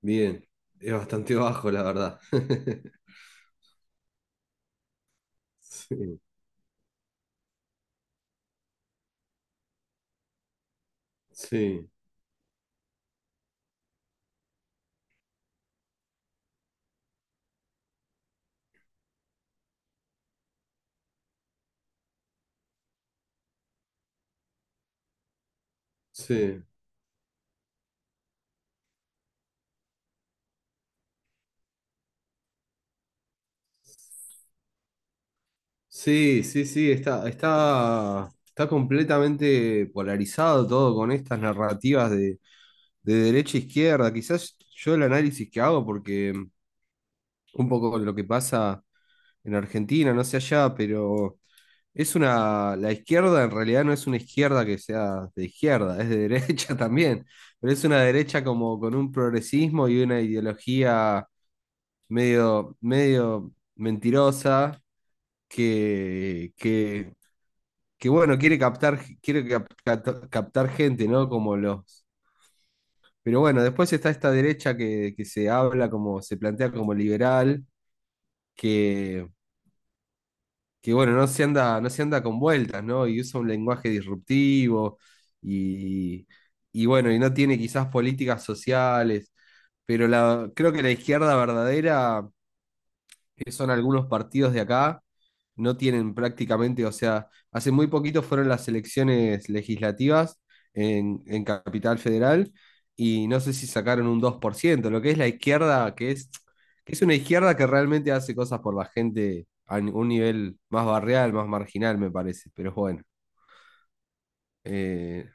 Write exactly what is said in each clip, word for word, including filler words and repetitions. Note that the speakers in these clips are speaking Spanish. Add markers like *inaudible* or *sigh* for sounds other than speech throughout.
Bien, es bastante *laughs* bajo, la verdad. *laughs* Sí, sí, sí. Sí, sí, sí, está, está, está completamente polarizado todo con estas narrativas de, de derecha e izquierda. Quizás yo el análisis que hago, porque un poco lo que pasa en Argentina, no sé allá, pero es una, la izquierda en realidad no es una izquierda que sea de izquierda, es de derecha *laughs* también, pero es una derecha como con un progresismo y una ideología medio, medio mentirosa, que, que, que, bueno, quiere captar, quiere cap- cat- captar gente, ¿no? Como los. Pero bueno, después está esta derecha que, que se habla como, se plantea como liberal, que, que bueno, no se anda, no se anda con vueltas, ¿no? Y usa un lenguaje disruptivo y, y bueno, y no tiene quizás políticas sociales. Pero la, creo que la izquierda verdadera que son algunos partidos de acá, no tienen prácticamente, o sea, hace muy poquito fueron las elecciones legislativas en, en Capital Federal y no sé si sacaron un dos por ciento lo que es la izquierda, que es, que es una izquierda que realmente hace cosas por la gente a un nivel más barrial, más marginal, me parece, pero bueno. eh,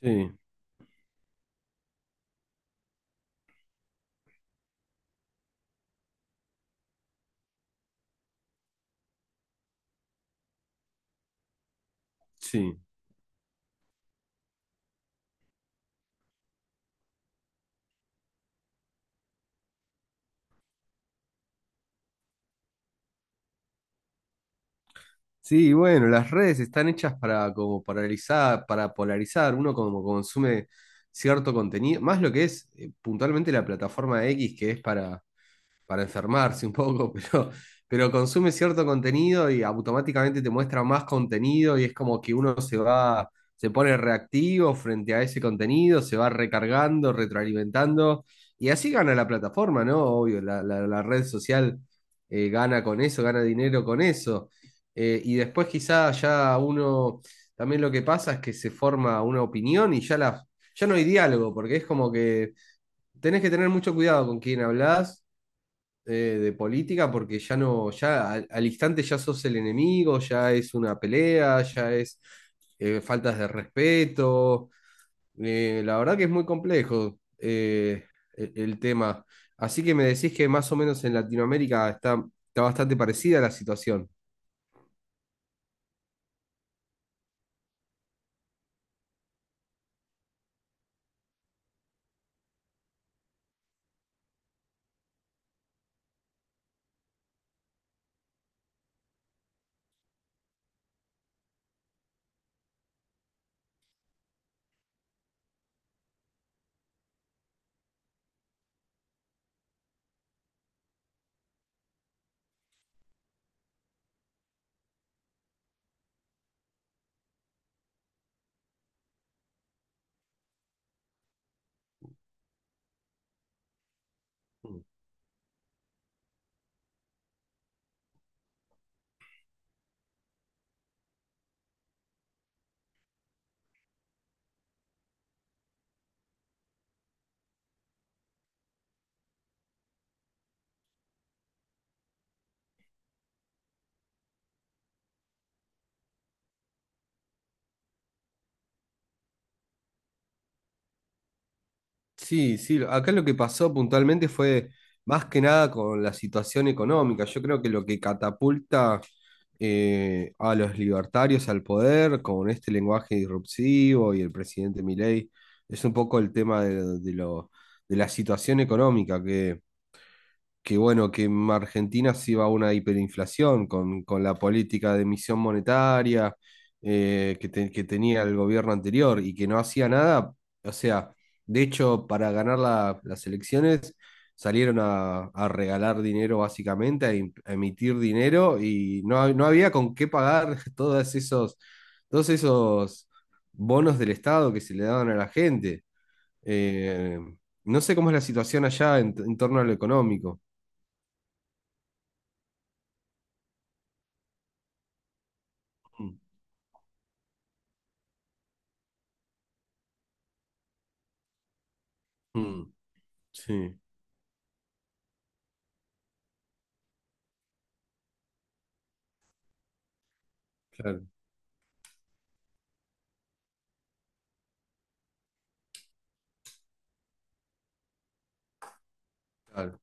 sí, sí. Sí, bueno, las redes están hechas para como paralizar, para polarizar, uno como consume cierto contenido, más lo que es eh, puntualmente la plataforma X que es para para enfermarse un poco, *laughs* pero, pero consume cierto contenido y automáticamente te muestra más contenido y es como que uno se va, se pone reactivo frente a ese contenido, se va recargando, retroalimentando y así gana la plataforma, ¿no? Obvio, la, la- la red social eh, gana con eso, gana dinero con eso. Eh, y después quizá ya uno, también lo que pasa es que se forma una opinión y ya, la, ya no hay diálogo, porque es como que tenés que tener mucho cuidado con quién hablas eh, de política porque ya no, ya al, al instante ya sos el enemigo, ya es una pelea, ya es eh, faltas de respeto. Eh, la verdad que es muy complejo eh, el, el tema. Así que me decís que más o menos en Latinoamérica está, está bastante parecida la situación. Sí, sí, acá lo que pasó puntualmente fue más que nada con la situación económica. Yo creo que lo que catapulta eh, a los libertarios al poder con este lenguaje disruptivo y el presidente Milei es un poco el tema de, de lo, de la situación económica, que que bueno, que en Argentina sí va a una hiperinflación con, con la política de emisión monetaria eh, que, te- que tenía el gobierno anterior y que no hacía nada. O sea, de hecho, para ganar la- las elecciones salieron a, a regalar dinero básicamente, a, im- a emitir dinero y no, ha- no había con qué pagar *laughs* todos esos, todos esos bonos del Estado que se le daban a la gente. Eh, no sé cómo es la situación allá en en torno a lo económico. Mm. Mm, sí, claro, claro.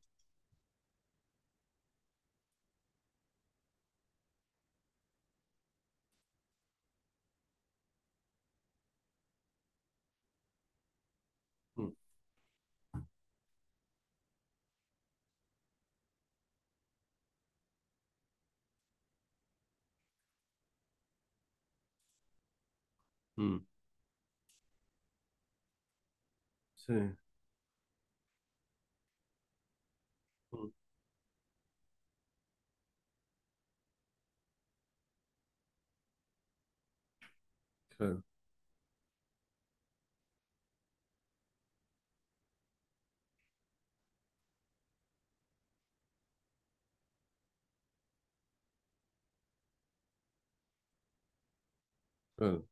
Mm, mm, sí, mm, claro, claro.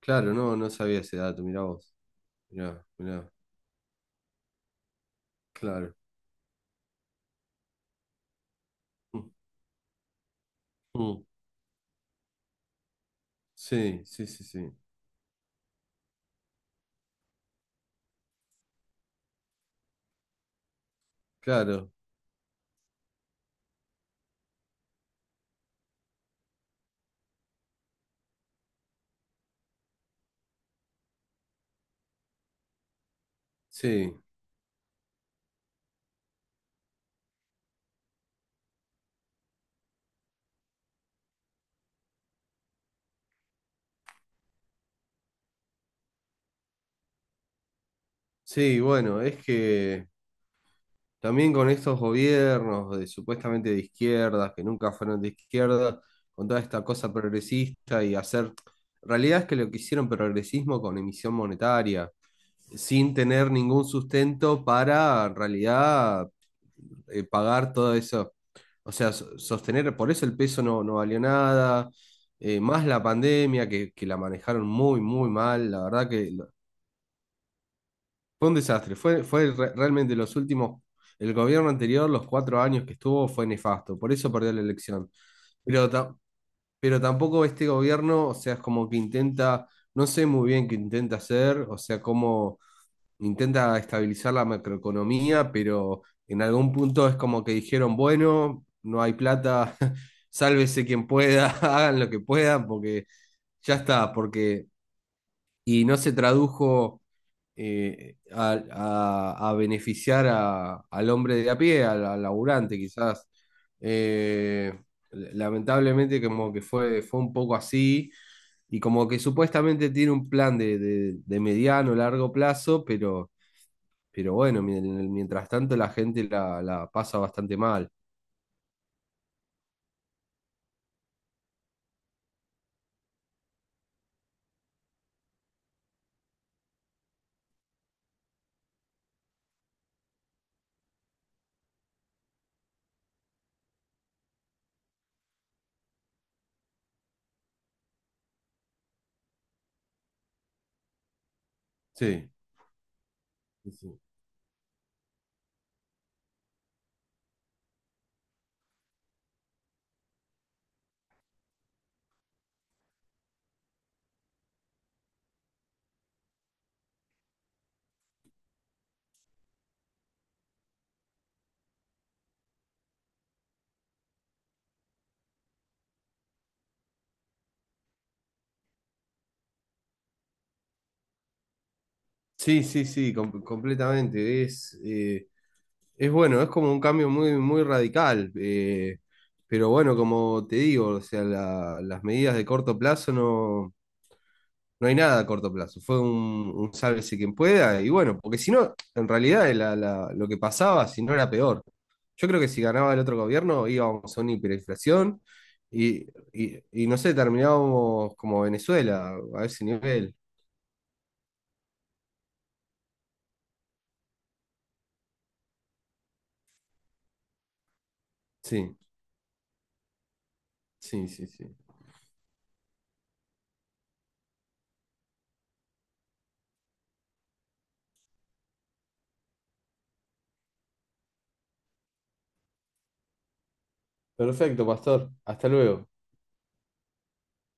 Claro, no, no sabía ese dato, mirá vos. Mirá, mirá, claro. Mm, mm, sí, sí, sí, sí. Claro, sí. Sí, bueno, es que también con estos gobiernos de supuestamente de izquierdas, que nunca fueron de izquierda, con toda esta cosa progresista y hacer. En realidad es que lo que hicieron progresismo con emisión monetaria. Sin tener ningún sustento para en realidad eh, pagar todo eso. O sea, so- sostener, por eso el peso no, no valió nada, eh, más la pandemia que, que la manejaron muy, muy mal, la verdad que lo- fue un desastre, fue, fue re- realmente los últimos, el gobierno anterior, los cuatro años que estuvo, fue nefasto, por eso perdió la elección. Pero, ta- pero tampoco este gobierno, o sea, es como que intenta, no sé muy bien qué intenta hacer, o sea, cómo intenta estabilizar la macroeconomía, pero en algún punto es como que dijeron, bueno, no hay plata, *laughs* sálvese quien pueda, *laughs* hagan lo que puedan, porque ya está, porque y no se tradujo eh, a, a- a beneficiar a- al hombre de a pie, al, al laburante, quizás. Eh, lamentablemente como que fue, fue un poco así. Y como que supuestamente tiene un plan de, de, de mediano, largo plazo, pero pero bueno, mi- mientras tanto la gente la, la pasa bastante mal. Sí, sí, sí, sí, sí, sí, com- completamente. Es, eh, es bueno, es como un cambio muy, muy radical. Eh, pero bueno, como te digo, o sea, la- las medidas de corto plazo no. No hay nada a corto plazo. Fue un, un sálvese quien pueda. Y bueno, porque si no, en realidad la- la- lo que pasaba, si no era peor. Yo creo que si ganaba el otro gobierno íbamos a una hiperinflación y, y- y no sé, terminábamos como Venezuela, a ese nivel. Sí, sí, sí, sí. Perfecto, pastor. Hasta luego.